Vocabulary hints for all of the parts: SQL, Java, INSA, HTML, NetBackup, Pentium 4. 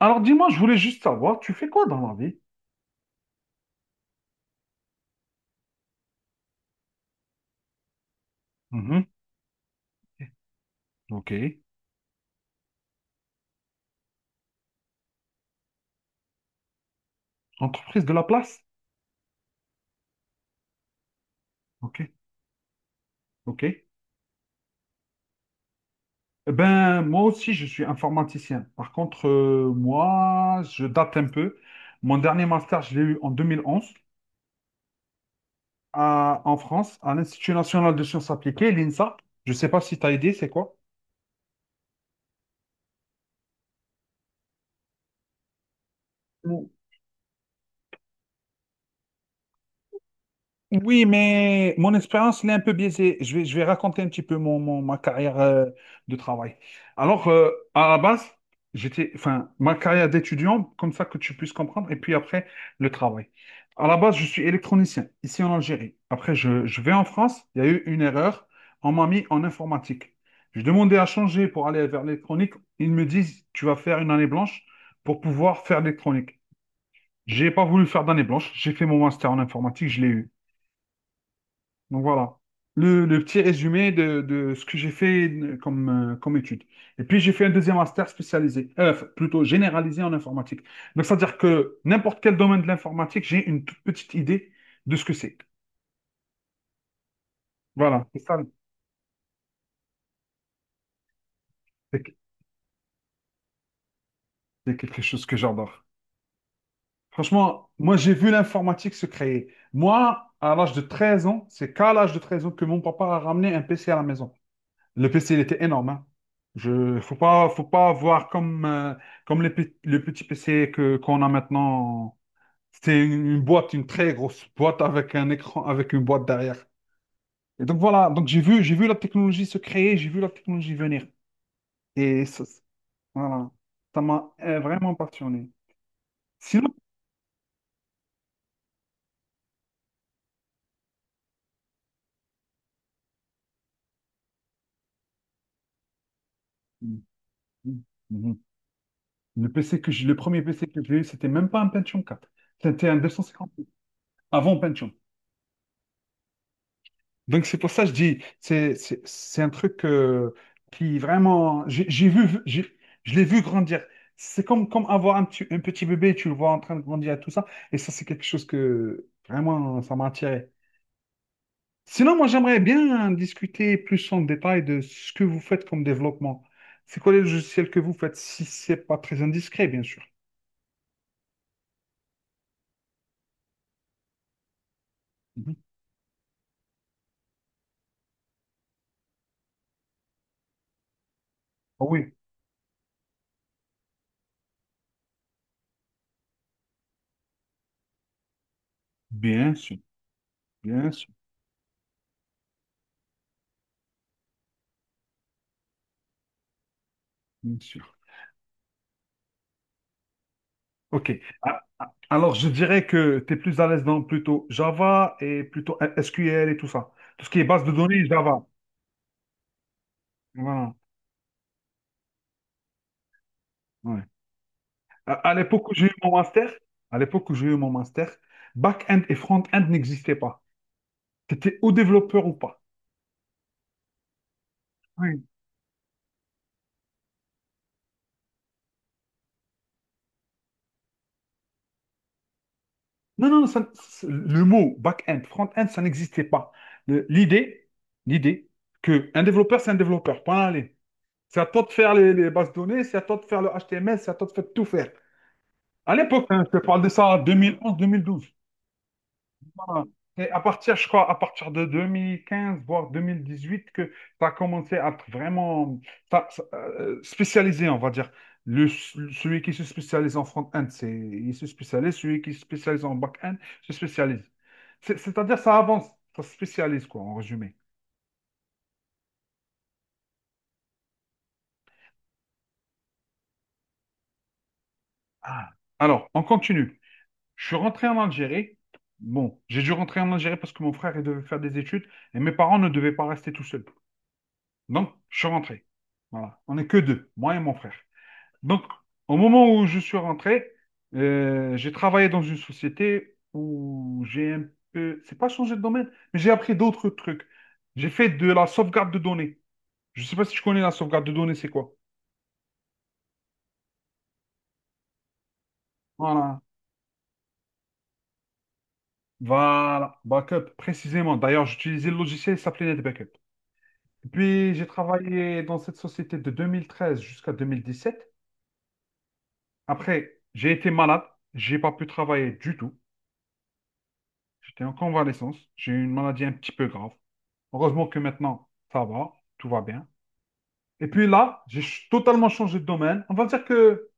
Alors dis-moi, je voulais juste savoir, tu fais quoi dans la vie? Mhm. Ok. Entreprise de la place? Ok, ok. Eh ben, moi aussi, je suis informaticien. Par contre, moi, je date un peu. Mon dernier master, je l'ai eu en 2011 en France, à l'Institut national de sciences appliquées, l'INSA. Je ne sais pas si tu as aidé, c'est quoi? Oui, mais mon expérience, elle est un peu biaisée. Je vais raconter un petit peu ma carrière de travail. Alors, à la base, j'étais, enfin, ma carrière d'étudiant, comme ça que tu puisses comprendre, et puis après, le travail. À la base, je suis électronicien, ici en Algérie. Après, je vais en France, il y a eu une erreur, on m'a mis en informatique. Je demandais à changer pour aller vers l'électronique. Ils me disent, tu vas faire une année blanche pour pouvoir faire l'électronique. J'ai pas voulu faire d'année blanche, j'ai fait mon master en informatique, je l'ai eu. Donc voilà, le petit résumé de ce que j'ai fait comme, comme étude. Et puis j'ai fait un deuxième master spécialisé, plutôt généralisé en informatique. Donc c'est-à-dire que n'importe quel domaine de l'informatique, j'ai une toute petite idée de ce que c'est. Voilà, c'est ça, c'est c'est quelque chose que j'adore. Franchement, moi j'ai vu l'informatique se créer. Moi, à l'âge de 13 ans, c'est qu'à l'âge de 13 ans que mon papa a ramené un PC à la maison. Le PC, il était énorme, hein. Je, faut pas voir comme, comme le petit PC qu'on a maintenant. C'était une boîte, une très grosse boîte avec un écran, avec une boîte derrière. Et donc voilà, donc j'ai vu la technologie se créer, j'ai vu la technologie venir. Et ça, voilà, ça m'a vraiment passionné. Sinon, Mhm. Mhm. Le premier PC que j'ai eu, c'était même pas un Pentium 4. C'était un 250 avant Pentium. Donc c'est pour ça que je dis, c'est un truc qui vraiment, je l'ai vu grandir. C'est comme, comme avoir un petit bébé, tu le vois en train de grandir et tout ça. Et ça, c'est quelque chose que vraiment, ça m'a attiré. Sinon, moi, j'aimerais bien discuter plus en détail de ce que vous faites comme développement. C'est quoi les logiciels que vous faites, si c'est pas très indiscret, bien sûr. Mhm. Ah oui, bien sûr, bien sûr, bien sûr. Ok. Alors, je dirais que tu es plus à l'aise dans plutôt Java et plutôt SQL et tout ça. Tout ce qui est base de données, Java. Voilà. Ouais. À l'époque où j'ai eu mon master, à l'époque où j'ai eu mon master, back-end et front-end n'existaient pas. Tu étais ou développeur ou pas. Oui. Non, non, non, le mot back-end, front-end, ça n'existait pas. Le- L'idée, l'idée que un développeur, c'est un développeur, point allez. C'est à toi de faire les bases de données, c'est à toi de faire le HTML, c'est à toi de faire tout faire. À l'époque, hein, je te parle de ça en 2011-2012. Voilà. C'est à partir, je crois, à partir de 2015, voire 2018, que ça a commencé à être vraiment spécialisé, on va dire. Celui qui se spécialise en front-end, c'est, il se spécialise. Celui qui se spécialise en back-end, se spécialise. C'est-à-dire, ça avance, ça se spécialise, quoi, en résumé. Ah. Alors, on continue. Je suis rentré en Algérie. Bon, j'ai dû rentrer en Algérie parce que mon frère, il devait faire des études et mes parents ne devaient pas rester tout seuls. Donc, je suis rentré. Voilà. On n'est que deux, moi et mon frère. Donc, au moment où je suis rentré, j'ai travaillé dans une société où j'ai un peu, c'est pas changé de domaine, mais j'ai appris d'autres trucs. J'ai fait de la sauvegarde de données. Je sais pas si tu connais la sauvegarde de données, c'est quoi? Voilà. Voilà. Backup, précisément. D'ailleurs, j'utilisais le logiciel, il s'appelait NetBackup. Puis, j'ai travaillé dans cette société de 2013 jusqu'à 2017. Après, j'ai été malade. J'ai pas pu travailler du tout. J'étais en convalescence. J'ai eu une maladie un petit peu grave. Heureusement que maintenant, ça va, tout va bien. Et puis là, totalement changé de domaine. On va dire que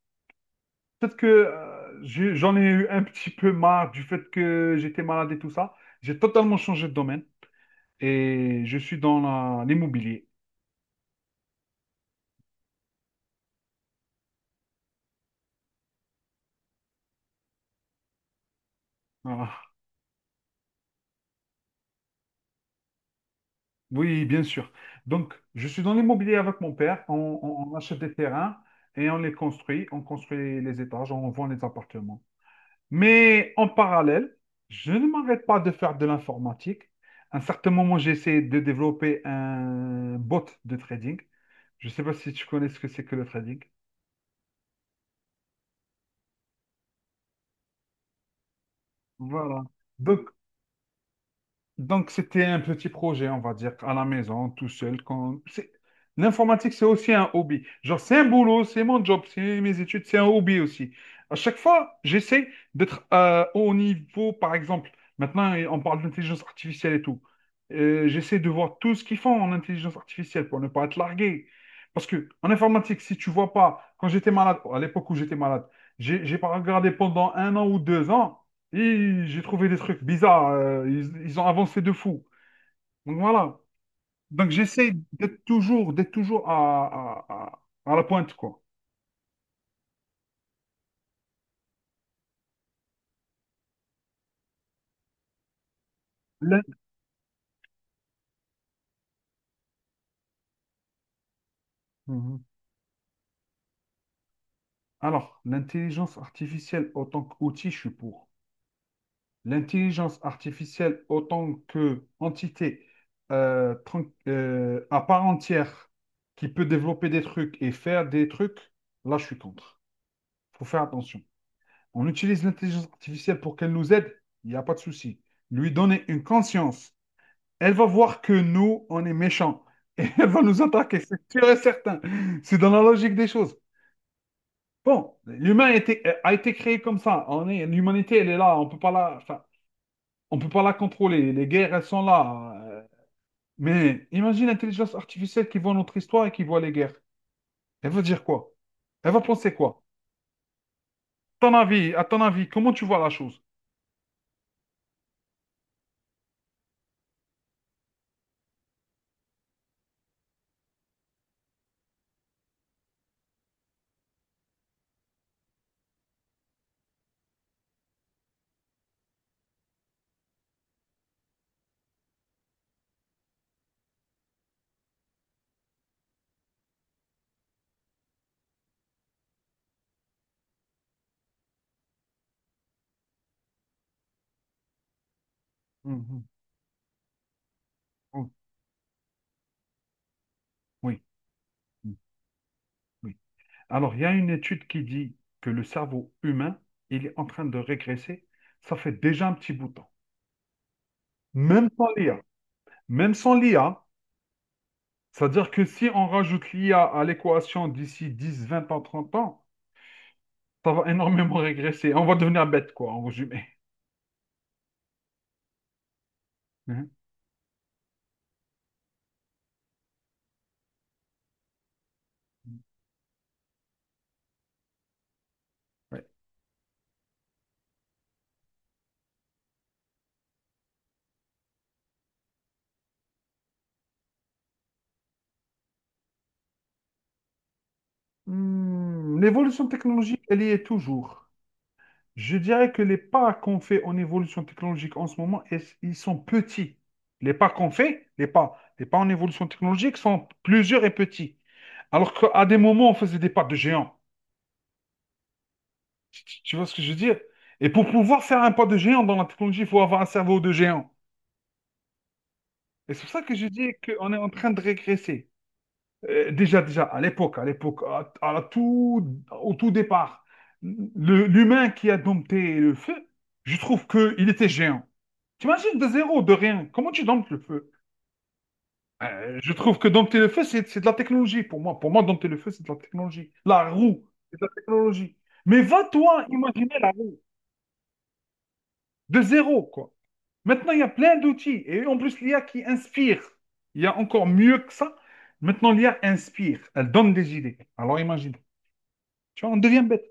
peut-être que j'en ai eu un petit peu marre du fait que j'étais malade et tout ça. J'ai totalement changé de domaine et je suis dans l'immobilier. Voilà. Oui, bien sûr. Donc, je suis dans l'immobilier avec mon père. On achète des terrains et on les construit. On construit les étages, on vend les appartements. Mais en parallèle, je ne m'arrête pas de faire de l'informatique. À un certain moment, j'ai essayé de développer un bot de trading. Je ne sais pas si tu connais ce que c'est que le trading. Voilà. Donc, Donc, c'était un petit projet, on va dire, à la maison, tout seul. L'informatique, c'est aussi un hobby. Genre, c'est un boulot, c'est mon job, c'est mes études, c'est un hobby aussi. À chaque fois, j'essaie d'être au niveau, par exemple, maintenant, on parle d'intelligence artificielle et tout. J'essaie de voir tout ce qu'ils font en intelligence artificielle pour ne pas être largué. Parce que en informatique, si tu vois pas, quand j'étais malade, à l'époque où j'étais malade, j'ai pas regardé pendant un an ou 2 ans. Et j'ai trouvé des trucs bizarres. Ils ont avancé de fou. Donc voilà. Donc j'essaie d'être toujours à la pointe, quoi. L'in- Mhm. Alors, l'intelligence artificielle autant qu'outil, je suis pour. L'intelligence artificielle autant qu'entité à part entière qui peut développer des trucs et faire des trucs, là, je suis contre. Faut faire attention. On utilise l'intelligence artificielle pour qu'elle nous aide, il n'y a pas de souci. Lui donner une conscience. Elle va voir que nous, on est méchants. Et elle va nous attaquer, c'est sûr et certain. C'est dans la logique des choses. Bon, l'humain a été créé comme ça. On est, l'humanité, elle est là. On peut pas la, enfin, on peut pas la contrôler. Les guerres, elles sont là. Mais imagine l'intelligence artificielle qui voit notre histoire et qui voit les guerres. Elle va dire quoi? Elle va penser quoi? À ton avis, comment tu vois la chose? Mhm, mhm. Oui, mhm, oui. Alors, il y a une étude qui dit que le cerveau humain, il est en train de régresser. Ça fait déjà un petit bout de temps. Même sans l'IA. Même sans l'IA, c'est-à-dire que si on rajoute l'IA à l'équation d'ici 10, 20 ans, 30 ans, ça va énormément régresser. On va devenir bête, quoi, en résumé. Hein. Ouais. Hmm, l'évolution technologique, elle y est toujours. Je dirais que les pas qu'on fait en évolution technologique en ce moment, ils sont petits. Les pas qu'on fait, les pas en évolution technologique sont plusieurs et petits. Alors qu'à des moments, on faisait des pas de géant. Tu vois ce que je veux dire? Et pour pouvoir faire un pas de géant dans la technologie, il faut avoir un cerveau de géant. Et c'est pour ça que je dis qu'on est en train de régresser. Déjà, à l'époque, au tout départ, l'humain qui a dompté le feu, je trouve qu'il était géant. T'imagines de zéro, de rien. Comment tu domptes le feu? Je trouve que dompter le feu, c'est de la technologie pour moi. Pour moi, dompter le feu, c'est de la technologie. La roue, c'est de la technologie. Mais va toi imaginer la roue de zéro, quoi. Maintenant, il y a plein d'outils. Et en plus, l'IA qui inspire. Il y a encore mieux que ça. Maintenant, l'IA inspire. Elle donne des idées. Alors imagine. Tu vois, on devient bête.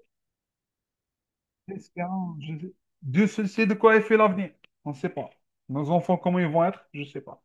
Espérons, Dieu seul sait de quoi est fait l'avenir. On ne sait pas. Nos enfants, comment ils vont être, je ne sais pas.